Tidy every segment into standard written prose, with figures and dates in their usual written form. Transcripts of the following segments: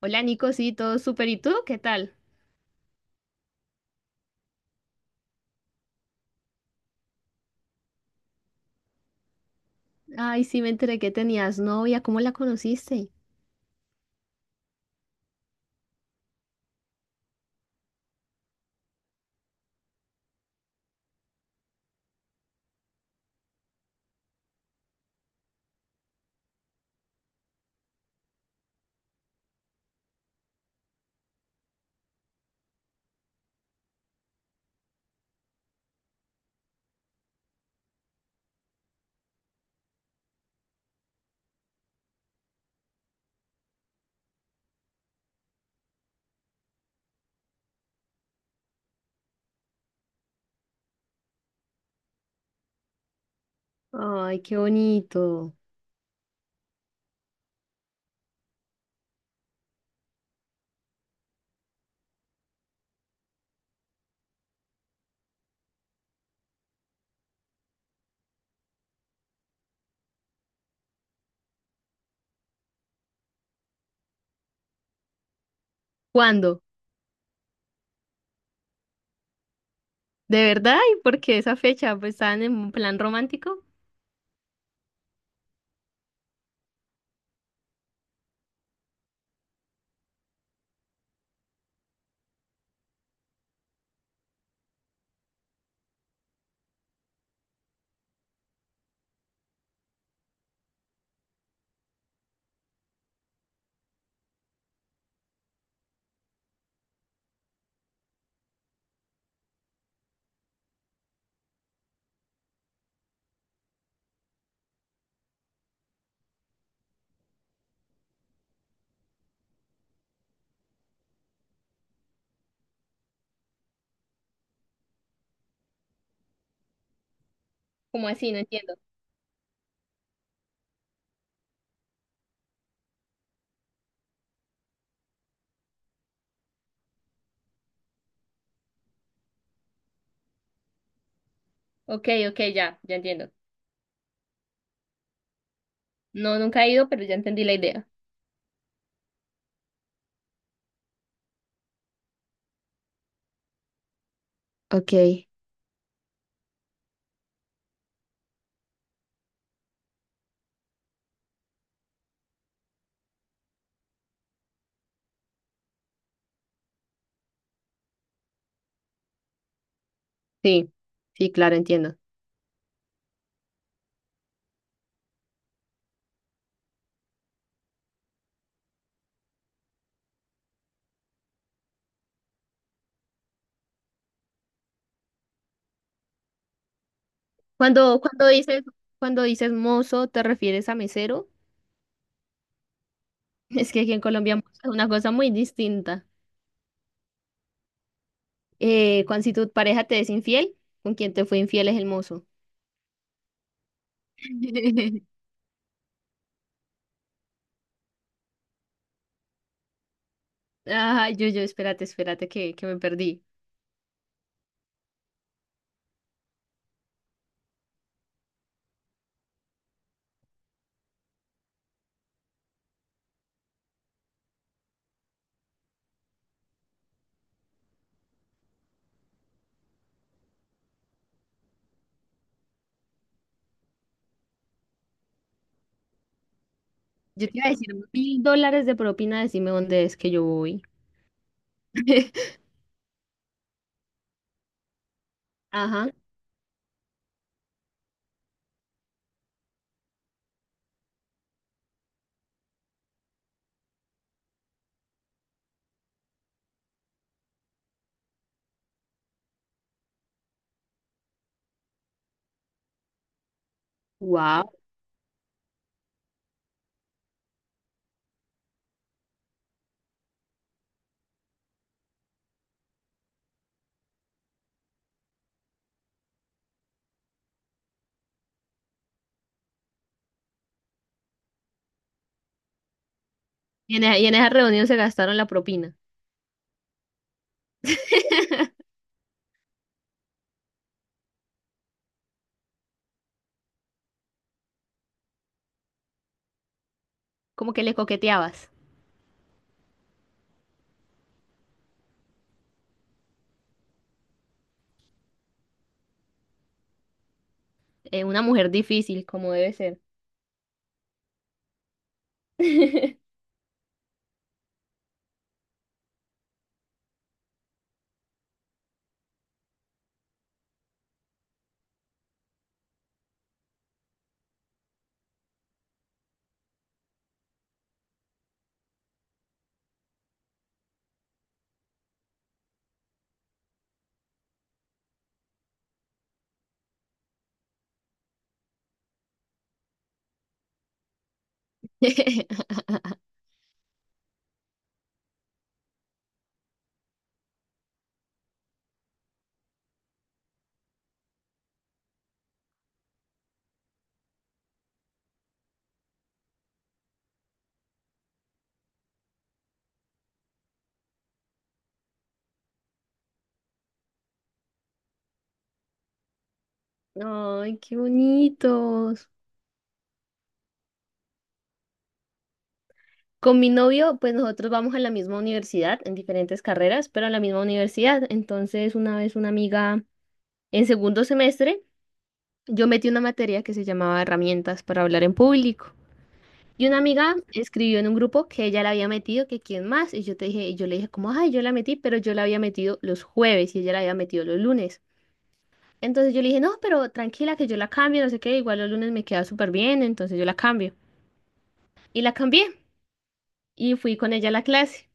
Hola Nico, sí, todo súper. ¿Y tú? ¿Qué tal? Ay, sí, me enteré que tenías novia. ¿Cómo la conociste? Ay, qué bonito. ¿Cuándo? ¿De verdad? ¿Y por qué esa fecha? ¿Pues estaban en un plan romántico? ¿Cómo así? No entiendo. Ok, ok, ya, ya entiendo. No, nunca he ido, pero ya entendí la idea. Ok, sí, sí, claro, entiendo. Cuando, cuando dices, cuando dices mozo, ¿te refieres a mesero? Es que aquí en Colombia mozo es una cosa muy distinta. Cuando si tu pareja te es infiel, con quien te fue infiel es el mozo. Ay, yo, espérate, espérate, que me perdí. Yo te iba a decir $1.000 de propina, decime dónde es que yo voy. Ajá. Wow. Y en esa reunión se gastaron la propina. Como que le coqueteabas. Una mujer difícil, como debe ser. Ay, qué bonitos. Con mi novio, pues nosotros vamos a la misma universidad, en diferentes carreras, pero a la misma universidad. Entonces, una vez una amiga en segundo semestre. Yo metí una materia que se llamaba herramientas para hablar en público. Y una amiga escribió en un grupo que ella la había metido, que quién más. Y yo te dije, y yo le dije como, ay, yo la metí, pero yo la había metido los jueves y ella la había metido los lunes. Entonces yo le dije, no, pero tranquila que yo la cambio, no sé qué, igual los lunes me queda súper bien, entonces yo la cambio. Y la cambié y fui con ella a la clase.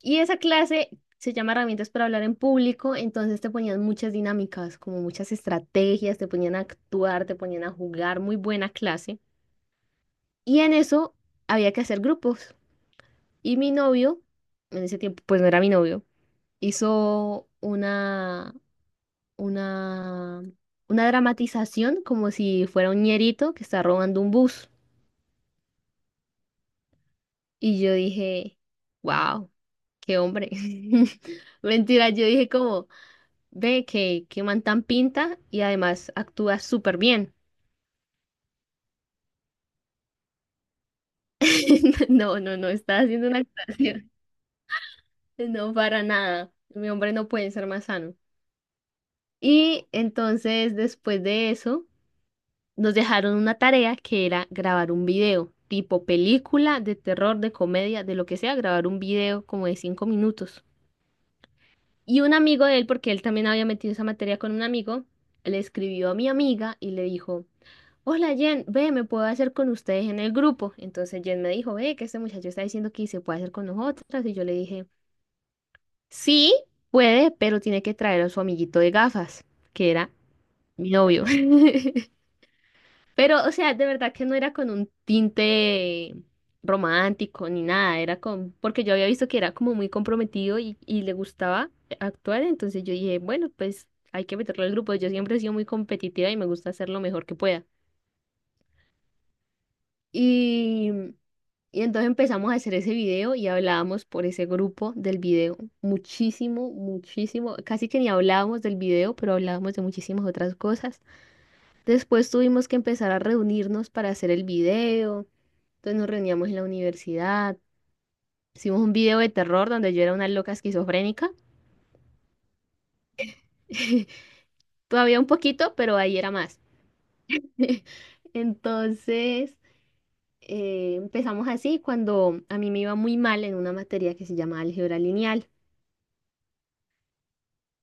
Y esa clase se llama herramientas para hablar en público, entonces te ponían muchas dinámicas, como muchas estrategias, te ponían a actuar, te ponían a jugar, muy buena clase. Y en eso había que hacer grupos. Y mi novio, en ese tiempo, pues no era mi novio, hizo una, una dramatización como si fuera un ñerito que está robando un bus. Y yo dije, wow, qué hombre. Mentira, yo dije como, ve que man tan pinta y además actúa súper bien. No, no, no, está haciendo una actuación. No, para nada. Mi hombre no puede ser más sano. Y entonces, después de eso, nos dejaron una tarea que era grabar un video, tipo película, de terror, de comedia, de lo que sea, grabar un video como de 5 minutos. Y un amigo de él, porque él también había metido esa materia con un amigo, le escribió a mi amiga y le dijo, Hola Jen, ve, me puedo hacer con ustedes en el grupo. Entonces Jen me dijo, ve, que este muchacho está diciendo que se puede hacer con nosotras. Y yo le dije, sí, puede, pero tiene que traer a su amiguito de gafas, que era mi novio. Pero, o sea, de verdad que no era con un tinte romántico ni nada, era con, porque yo había visto que era como muy comprometido y le gustaba actuar, entonces yo dije, bueno, pues hay que meterlo al grupo, yo siempre he sido muy competitiva y me gusta hacer lo mejor que pueda. Y, y entonces empezamos a hacer ese video y hablábamos por ese grupo del video muchísimo, muchísimo, casi que ni hablábamos del video, pero hablábamos de muchísimas otras cosas. Después tuvimos que empezar a reunirnos para hacer el video. Entonces nos reuníamos en la universidad, hicimos un video de terror donde yo era una loca esquizofrénica, todavía un poquito, pero ahí era más. Entonces empezamos así cuando a mí me iba muy mal en una materia que se llama álgebra lineal,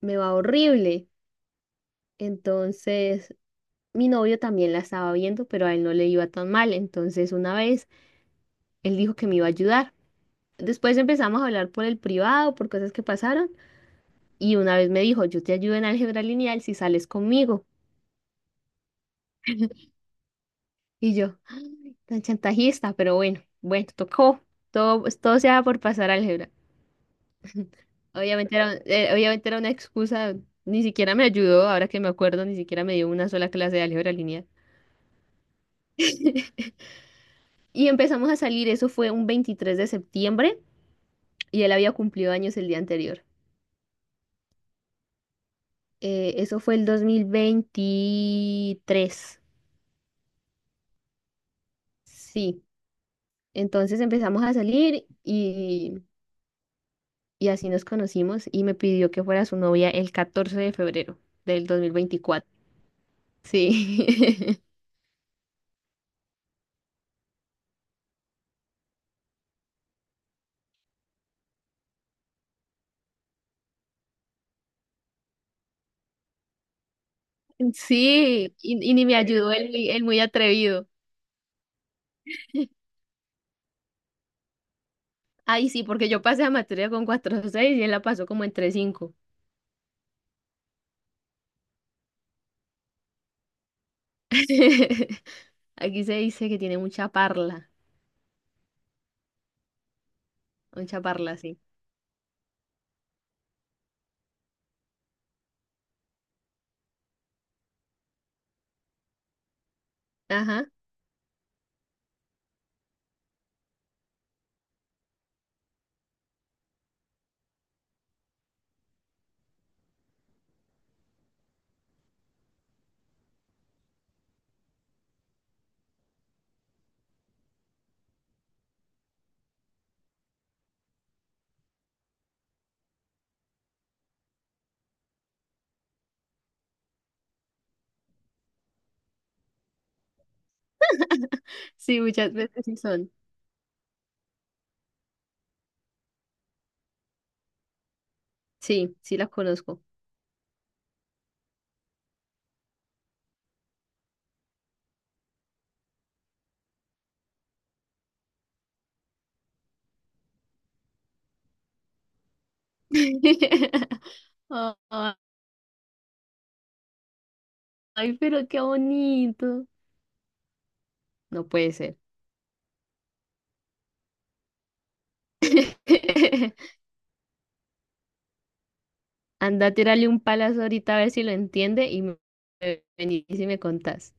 me va horrible. Entonces mi novio también la estaba viendo, pero a él no le iba tan mal. Entonces una vez él dijo que me iba a ayudar. Después empezamos a hablar por el privado, por cosas que pasaron. Y una vez me dijo, yo te ayudo en álgebra lineal si sales conmigo. Y yo, "Ay, tan chantajista, pero bueno, bueno, tocó. Todo, pues, todo se sea por pasar álgebra. Obviamente era una excusa, ni siquiera me ayudó, ahora que me acuerdo, ni siquiera me dio una sola clase de álgebra lineal. Y empezamos a salir, eso fue un 23 de septiembre y él había cumplido años el día anterior. Eso fue el 2023. Sí, entonces empezamos a salir y, así nos conocimos y me pidió que fuera su novia el 14 de febrero del 2024. Sí, sí, y ni me ayudó el, el muy atrevido. Ay, sí, porque yo pasé la materia con 4,6 y él la pasó como en 3,5. Aquí se dice que tiene mucha parla, sí. Ajá, sí, muchas veces sí son. Sí, sí las conozco. Ay, pero qué bonito. No puede ser. Anda, tírale un palazo ahorita a ver si lo entiende y me venís y me contás.